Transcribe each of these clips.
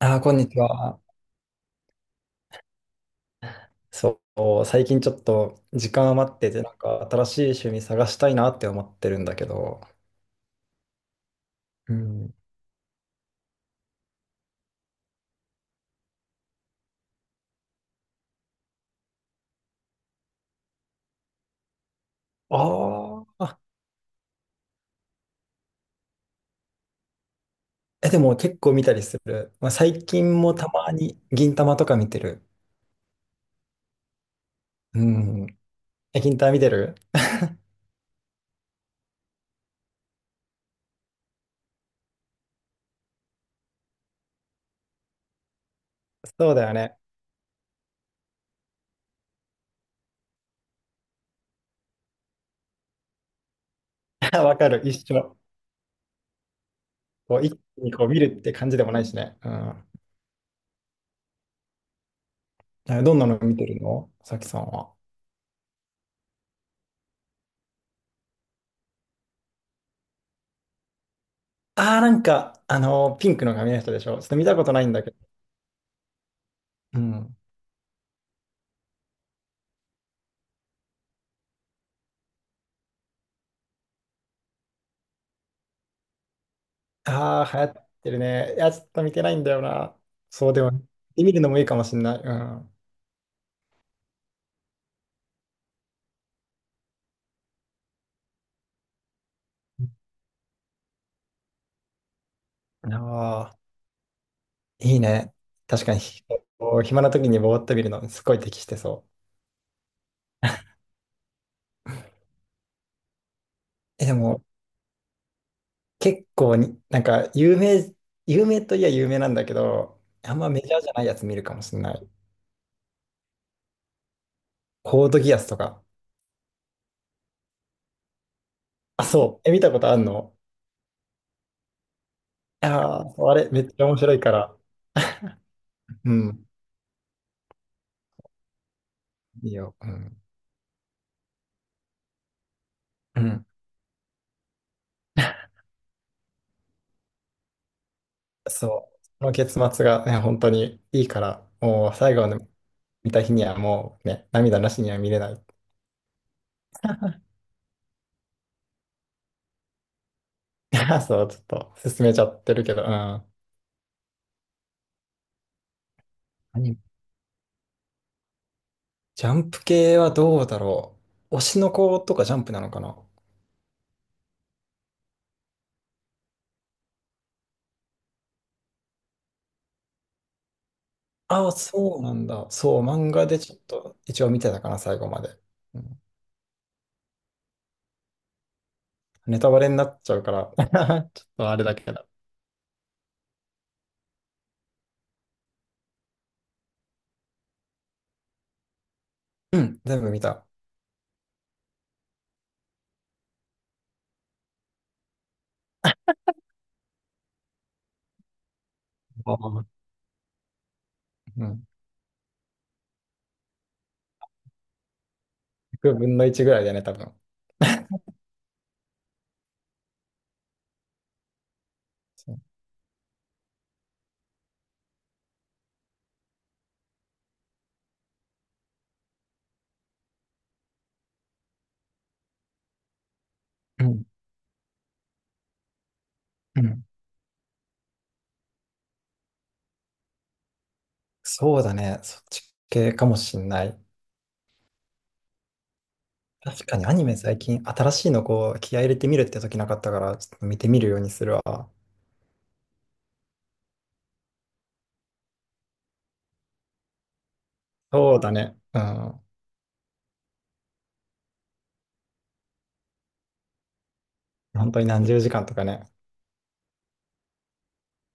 ああ、こんにちは。そう、最近ちょっと時間余ってて、なんか新しい趣味探したいなって思ってるんだけど。うん。ああ、え、でも結構見たりする。まあ、最近もたまに銀玉とか見てる。うん。え、銀玉見てる？そうだよね。わかる、一緒。こう、一気にこう見るって感じでもないしね。うん。え、どんなの見てるの、さきさんは？ああ、なんか、ピンクの髪の人でしょ？ちょっと見たことないんだけど。うん。ああ、流行ってるね。いや、ちょっと見てないんだよな。そうでも、見てみるのもいいかもしんない。うん。ああ、いいね。確かに、こう暇な時にぼーっと見るのすごい適してそう。え、でも、結構に、有名、有名といえば有名なんだけど、あんまメジャーじゃないやつ見るかもしんない。コードギアスとか。あ、そう。え、見たことあんの？ああー、そうあれ、めっちゃ面白いから。うん。いいよ。うん。うん。そう。その結末がね、本当にいいから、もう最後まで見た日にはもうね、涙なしには見れない。そう、ちょっと進めちゃってるけど、うん。アニメジャンプ系はどうだろう。推しの子とかジャンプなのかな。ああ、そうなんだ。そう、漫画でちょっと一応見てたかな、最後まで。うん、ネタバレになっちゃうから ちょっとあれだけど。うん、全部見た。あーうん、100分の1ぐらいだね、多分。そう、うん、うん、そうだね、そっち系かもしんない。確かにアニメ最近新しいのこう気合い入れてみるって時なかったからちょっと見てみるようにするわ。そうだね。うん。本当に何十時間とかね。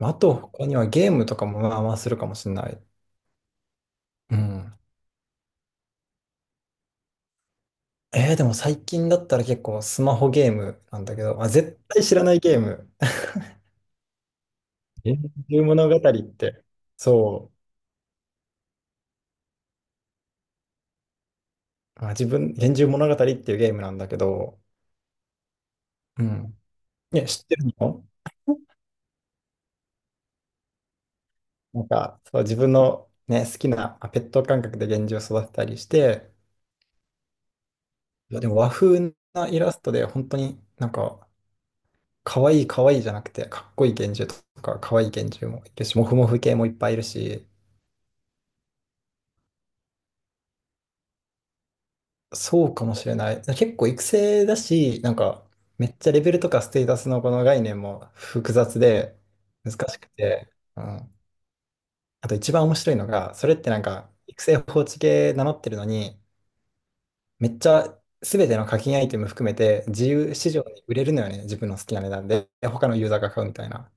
あと他にはゲームとかもまあまあするかもしれない。うん。えー、でも最近だったら結構スマホゲームなんだけど、まあ、絶対知らないゲーム。幻獣物語って、そう、自分、幻獣物語っていうゲームなんだけど、うん。ね、知ってるの？なんか、そう、自分のね、好きなペット感覚で幻獣を育てたりして、いや、でも和風なイラストで、本当に可愛い可愛いじゃなくて、かっこいい幻獣とか、可愛い幻獣もいるし、モフモフ系もいっぱいいるし、そうかもしれない。結構育成だし、めっちゃレベルとかステータスのこの概念も複雑で、難しくて、うん。あと一番面白いのが、それってなんか、育成放置系名乗ってるのに、めっちゃ、すべての課金アイテム含めて自由市場に売れるのよね、自分の好きな値段で、他のユーザーが買うみたいな。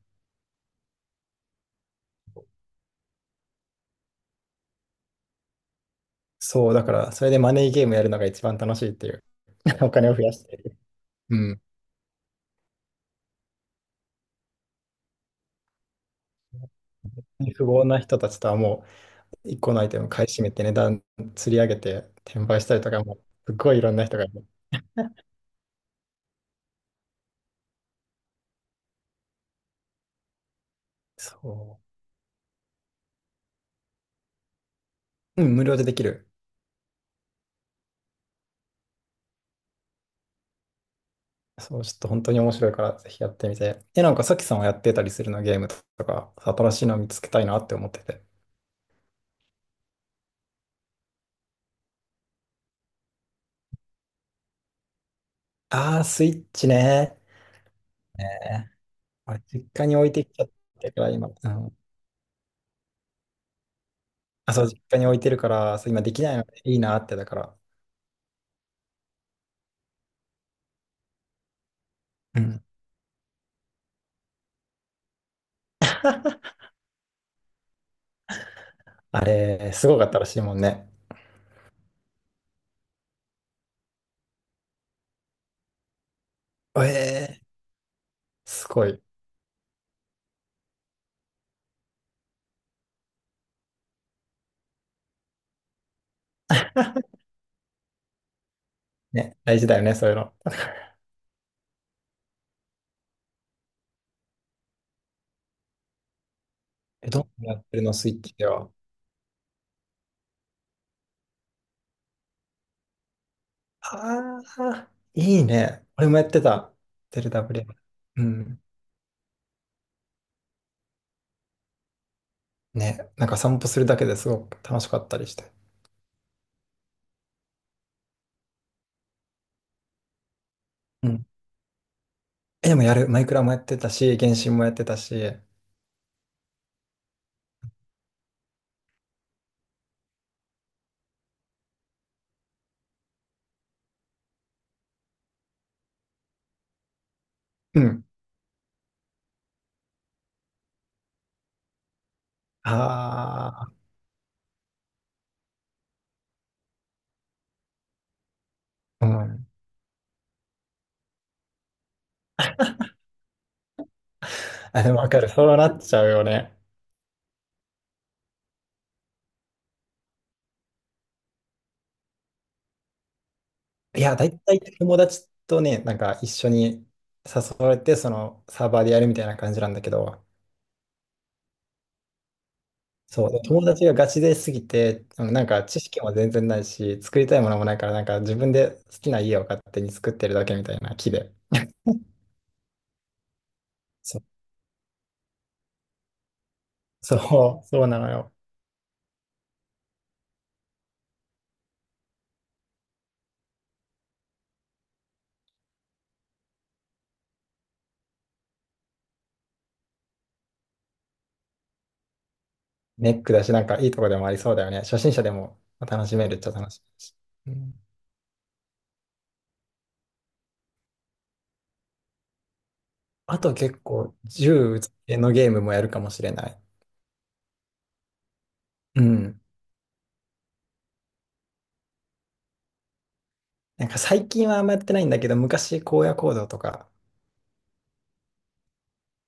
そう、だから、それでマネーゲームやるのが一番楽しいっていう。お金を増やしてる。うん。富豪な人たちとはもう、一個のアイテム買い占めて値段釣り上げて転売したりとかも、すっごいいろんな人がいる。そう。うん、無料でできる。そう、ちょっと本当に面白いから、ぜひやってみて。え、なんかさきさんはやってたりするの、ゲームとか？新しいの見つけたいなって思ってて。あー、スイッチね。俺、実家に置いてきちゃったから、今。うん。あ、そう、実家に置いてるから、そう今できないのでいいなって、だから。うん。あれ、すごかったらしいもんね。ええ、すごい。ね、大事だよね、そういうの。え、どうやってるの、スイッチでは？ああ、いいね。俺もやってた。デル WM。うん。ね、なんか散歩するだけですごく楽しかったりして。うん。え、でもやる。マイクラもやってたし、原神もやってたし。うん。ああ、うん。あ、でもわかる。そうなっちゃうよね。いや、だいたい友達とね、なんか一緒に誘われて、そのサーバーでやるみたいな感じなんだけど、そう、友達がガチですぎて、なんか知識も全然ないし、作りたいものもないから、なんか自分で好きな家を勝手に作ってるだけみたいな木で。そう、そう、そうなのよ。ネックだし、なんかいいとこでもありそうだよね。初心者でも楽しめるっちゃ楽しいし。うん、あと結構、銃のゲームもやるかもしれない。うん。なんか最近はあんまやってないんだけど、昔荒野行動とか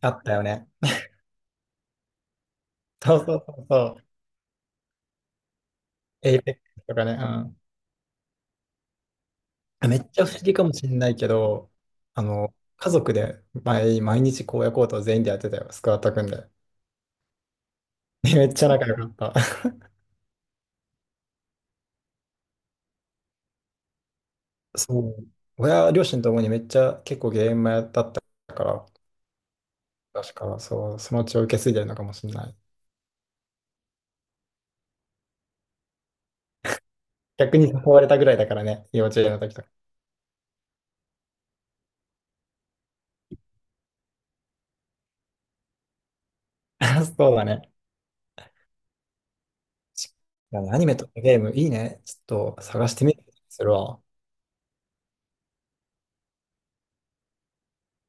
あったよね。そうそうそうそう。エイペックスとかね。うん、めっちゃ不思議かもしれないけど、家族で毎日荒野行動全員でやってたよ、スクワット組んで。めっちゃ仲良かった。そう。親、両親ともにめっちゃ結構ゲームやだったから、確か、そう、その血を受け継いでるのかもしれない。逆に誘われたぐらいだからね、幼稚園の時とか。そうだね。いやアニメとかゲームいいね。ちょっと探してみるするわ。